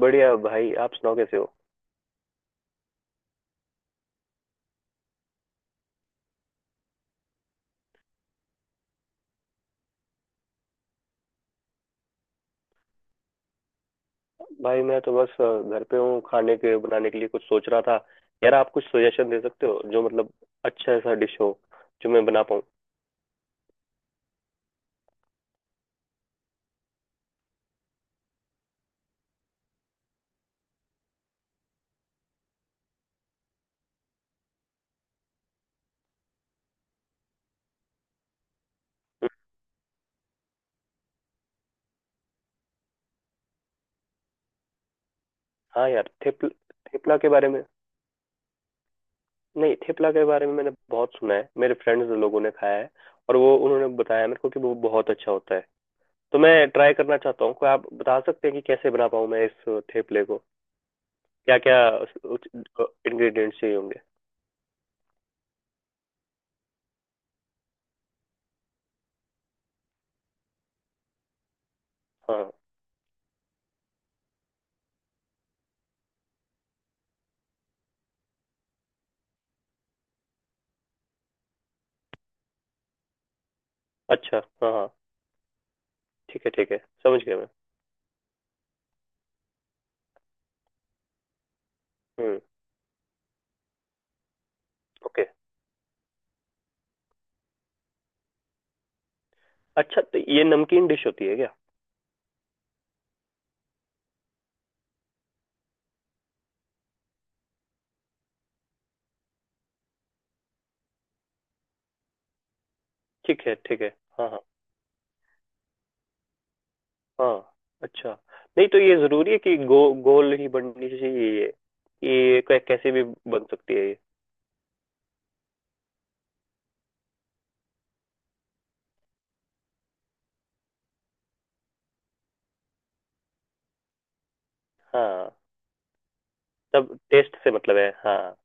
बढ़िया भाई, आप सुनाओ कैसे हो। भाई मैं तो बस घर पे हूँ। खाने के बनाने के लिए कुछ सोच रहा था। यार आप कुछ सजेशन दे सकते हो जो अच्छा ऐसा डिश हो जो मैं बना पाऊँ। हाँ यार, थेपला के बारे में, नहीं थेपला के बारे में मैंने बहुत सुना है। मेरे फ्रेंड्स लोगों ने खाया है और वो उन्होंने बताया मेरे को कि वो बहुत अच्छा होता है। तो मैं ट्राई करना चाहता हूँ। कोई आप बता सकते हैं कि कैसे बना पाऊँ मैं इस थेपले को। क्या क्या इंग्रेडिएंट्स चाहिए होंगे। हाँ, अच्छा, हाँ हाँ, ठीक है ठीक है, समझ गया मैं। हम्म। ओके। अच्छा तो ये नमकीन डिश होती है क्या? ठीक है ठीक है। हाँ हाँ। हाँ अच्छा। नहीं तो ये जरूरी है कि गो गोल ही बननी चाहिए ये? ये कैसे भी बन सकती है ये? हाँ, तब टेस्ट से मतलब है, हाँ।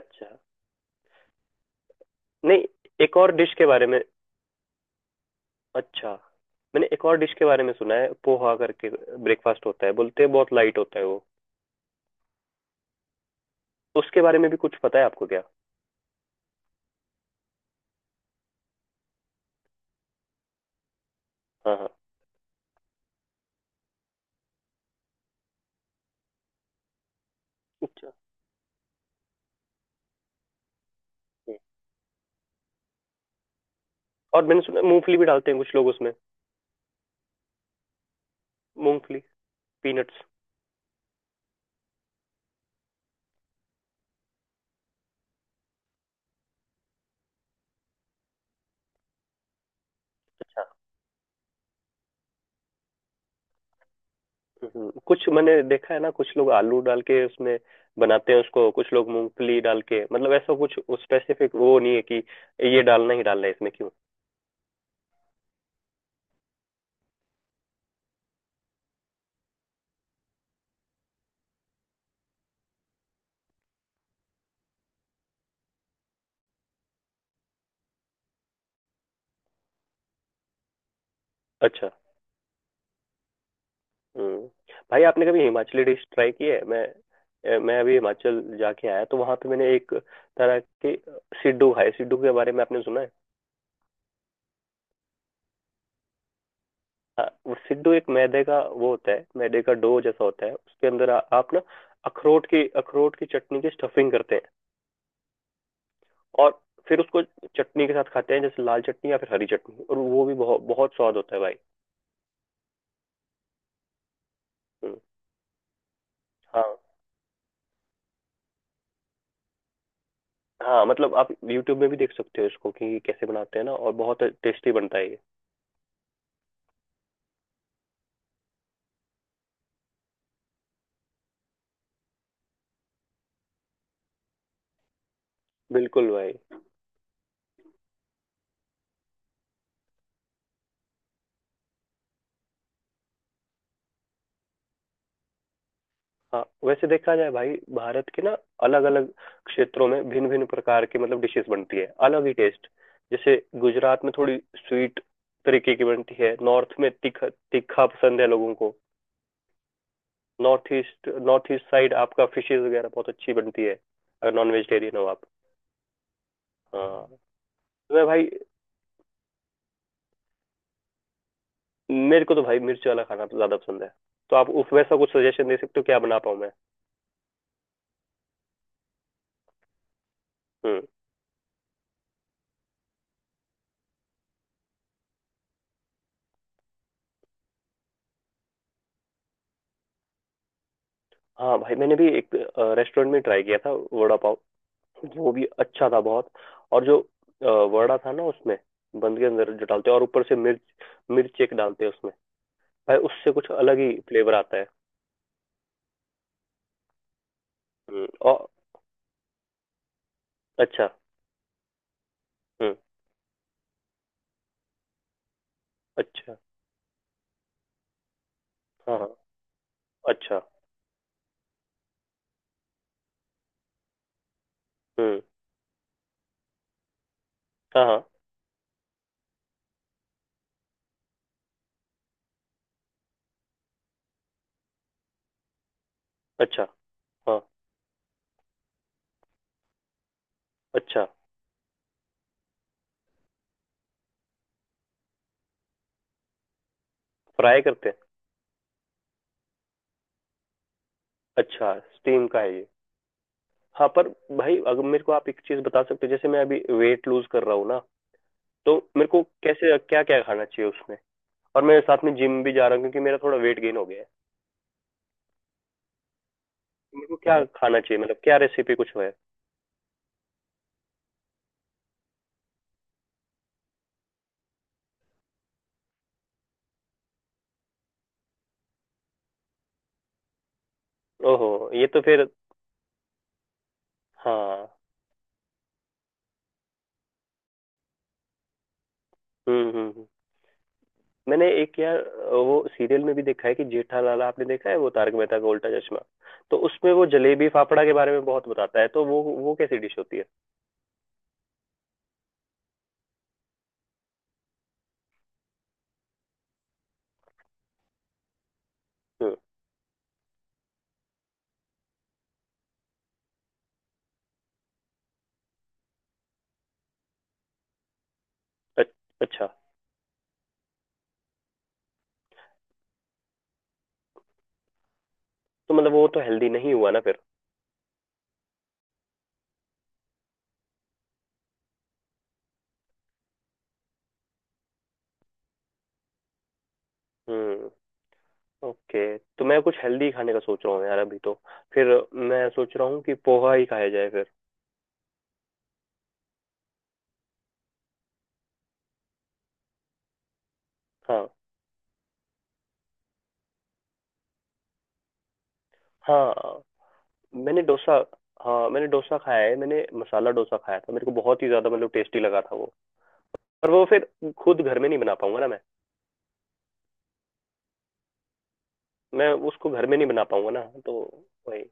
अच्छा। नहीं, एक और डिश के बारे में। अच्छा, मैंने एक और डिश के बारे में सुना है, पोहा करके। ब्रेकफास्ट होता है, बोलते हैं बहुत लाइट होता है वो। उसके बारे में भी कुछ पता है आपको क्या? हाँ हाँ। अच्छा। हम्म। और मैंने सुना है मूंगफली भी डालते हैं कुछ लोग उसमें। मूंगफली, पीनट्स। कुछ मैंने देखा है ना, कुछ लोग आलू डाल के उसमें बनाते हैं उसको, कुछ लोग मूंगफली डाल के, मतलब ऐसा कुछ स्पेसिफिक वो नहीं है कि ये डालना ही डालना है इसमें क्यों। अच्छा। हम्म। भाई आपने कभी हिमाचली डिश ट्राई की है? मैं मैं अभी हिमाचल जाके आया तो वहां पे मैंने एक तरह की सिड्डू खाई। सिड्डू के बारे में आपने सुना है? हाँ, वो सिड्डू एक मैदे का वो होता है, मैदे का डो जैसा होता है, उसके अंदर आप ना अखरोट की, अखरोट की चटनी की स्टफिंग करते हैं और फिर उसको चटनी के साथ खाते हैं, जैसे लाल चटनी या फिर हरी चटनी, और वो भी बहुत बहुत स्वाद होता है भाई। हम्म, हाँ हाँ, मतलब आप यूट्यूब में भी देख सकते हो इसको कि कैसे बनाते हैं ना, और बहुत टेस्टी बनता है ये। बिल्कुल भाई। हाँ वैसे देखा जाए भाई, भारत के ना अलग अलग क्षेत्रों में भिन्न भिन्न प्रकार के मतलब डिशेस बनती है, अलग ही टेस्ट। जैसे गुजरात में थोड़ी स्वीट तरीके की बनती है, नॉर्थ में तीखा तीखा पसंद है लोगों को। North east, north east side आपका फिशेज वगैरह बहुत अच्छी बनती है, अगर नॉन वेजिटेरियन हो आप। हाँ, मैं भाई, मेरे को तो भाई मिर्च वाला खाना ज्यादा पसंद है। तो आप उस वैसा कुछ सजेशन दे सकते हो, क्या बना पाऊँ मैं? हम्म। हाँ भाई, मैंने भी एक रेस्टोरेंट में ट्राई किया था वड़ा पाव। वो भी अच्छा था बहुत। और जो अ, वड़ा था ना उसमें, बंद के अंदर जो डालते हैं, और ऊपर से मिर्च, मिर्च एक डालते हैं उसमें। भाई उससे कुछ अलग ही फ्लेवर आता है। और। अच्छा। हम्म। अच्छा। हाँ हाँ। अच्छा। हम्म। हाँ हाँ। अच्छा। हाँ। अच्छा। फ्राई करते हैं? अच्छा स्टीम का है ये। हाँ पर भाई अगर मेरे को आप एक चीज बता सकते हो, जैसे मैं अभी वेट लूज कर रहा हूँ ना, तो मेरे को कैसे क्या क्या खाना चाहिए उसमें। और मैं साथ में जिम भी जा रहा हूँ क्योंकि मेरा थोड़ा वेट गेन हो गया है। तो मेरे को क्या खाना चाहिए, मतलब क्या रेसिपी कुछ है? ओहो, ये तो फिर। हाँ। हम्म हम्म हम्म। मैंने एक यार वो सीरियल में भी देखा है कि जेठालाल, आपने देखा है वो तारक मेहता का उल्टा चश्मा? तो उसमें वो जलेबी फाफड़ा के बारे में बहुत बताता है, तो वो कैसी डिश होती है? हम्म। अच- अच्छा तो मतलब वो तो हेल्दी नहीं हुआ ना फिर। हम्म। ओके तो मैं कुछ हेल्दी खाने का सोच रहा हूँ यार अभी। तो फिर मैं सोच रहा हूँ कि पोहा ही खाया जाए फिर। हाँ। हाँ मैंने डोसा हाँ मैंने डोसा खाया है, मैंने मसाला डोसा खाया था, मेरे को बहुत ही ज्यादा मतलब टेस्टी लगा था वो। पर वो फिर खुद घर में नहीं बना पाऊंगा ना मैं। मैं उसको घर में नहीं बना पाऊंगा ना, तो वही।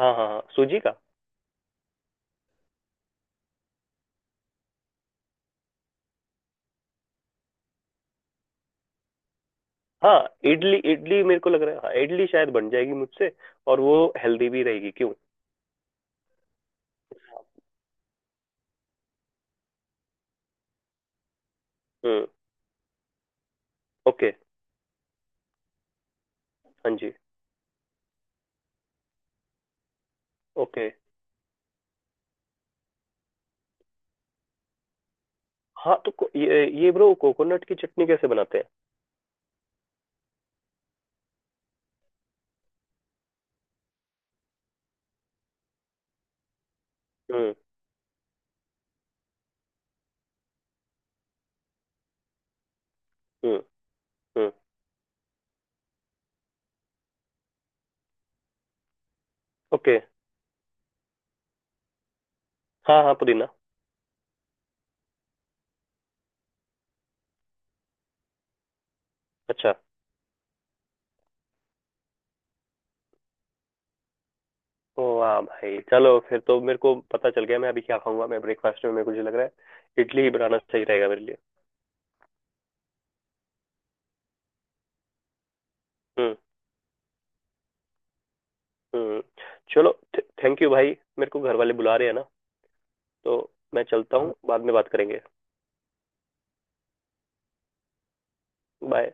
हाँ हाँ हाँ, सूजी का। हाँ इडली, इडली मेरे को लग रहा है, हाँ इडली शायद बन जाएगी मुझसे, और वो हेल्दी भी रहेगी क्यों। हम्म। ओके। हाँ जी। ओके। ये ब्रो, कोकोनट की चटनी कैसे बनाते हैं? हम्म। हम्म। हम्म। ओके। हाँ हाँ, पुदीना। अच्छा। ओ वाह भाई, चलो फिर तो मेरे को पता चल गया मैं अभी क्या खाऊंगा। मैं ब्रेकफास्ट में, मेरे को जो लग रहा है, इडली ही बनाना सही रहेगा मेरे लिए। हम्म। हम्म। चलो, थैंक यू भाई। मेरे को घर वाले बुला रहे हैं ना, तो मैं चलता हूँ, बाद में बात करेंगे। बाय।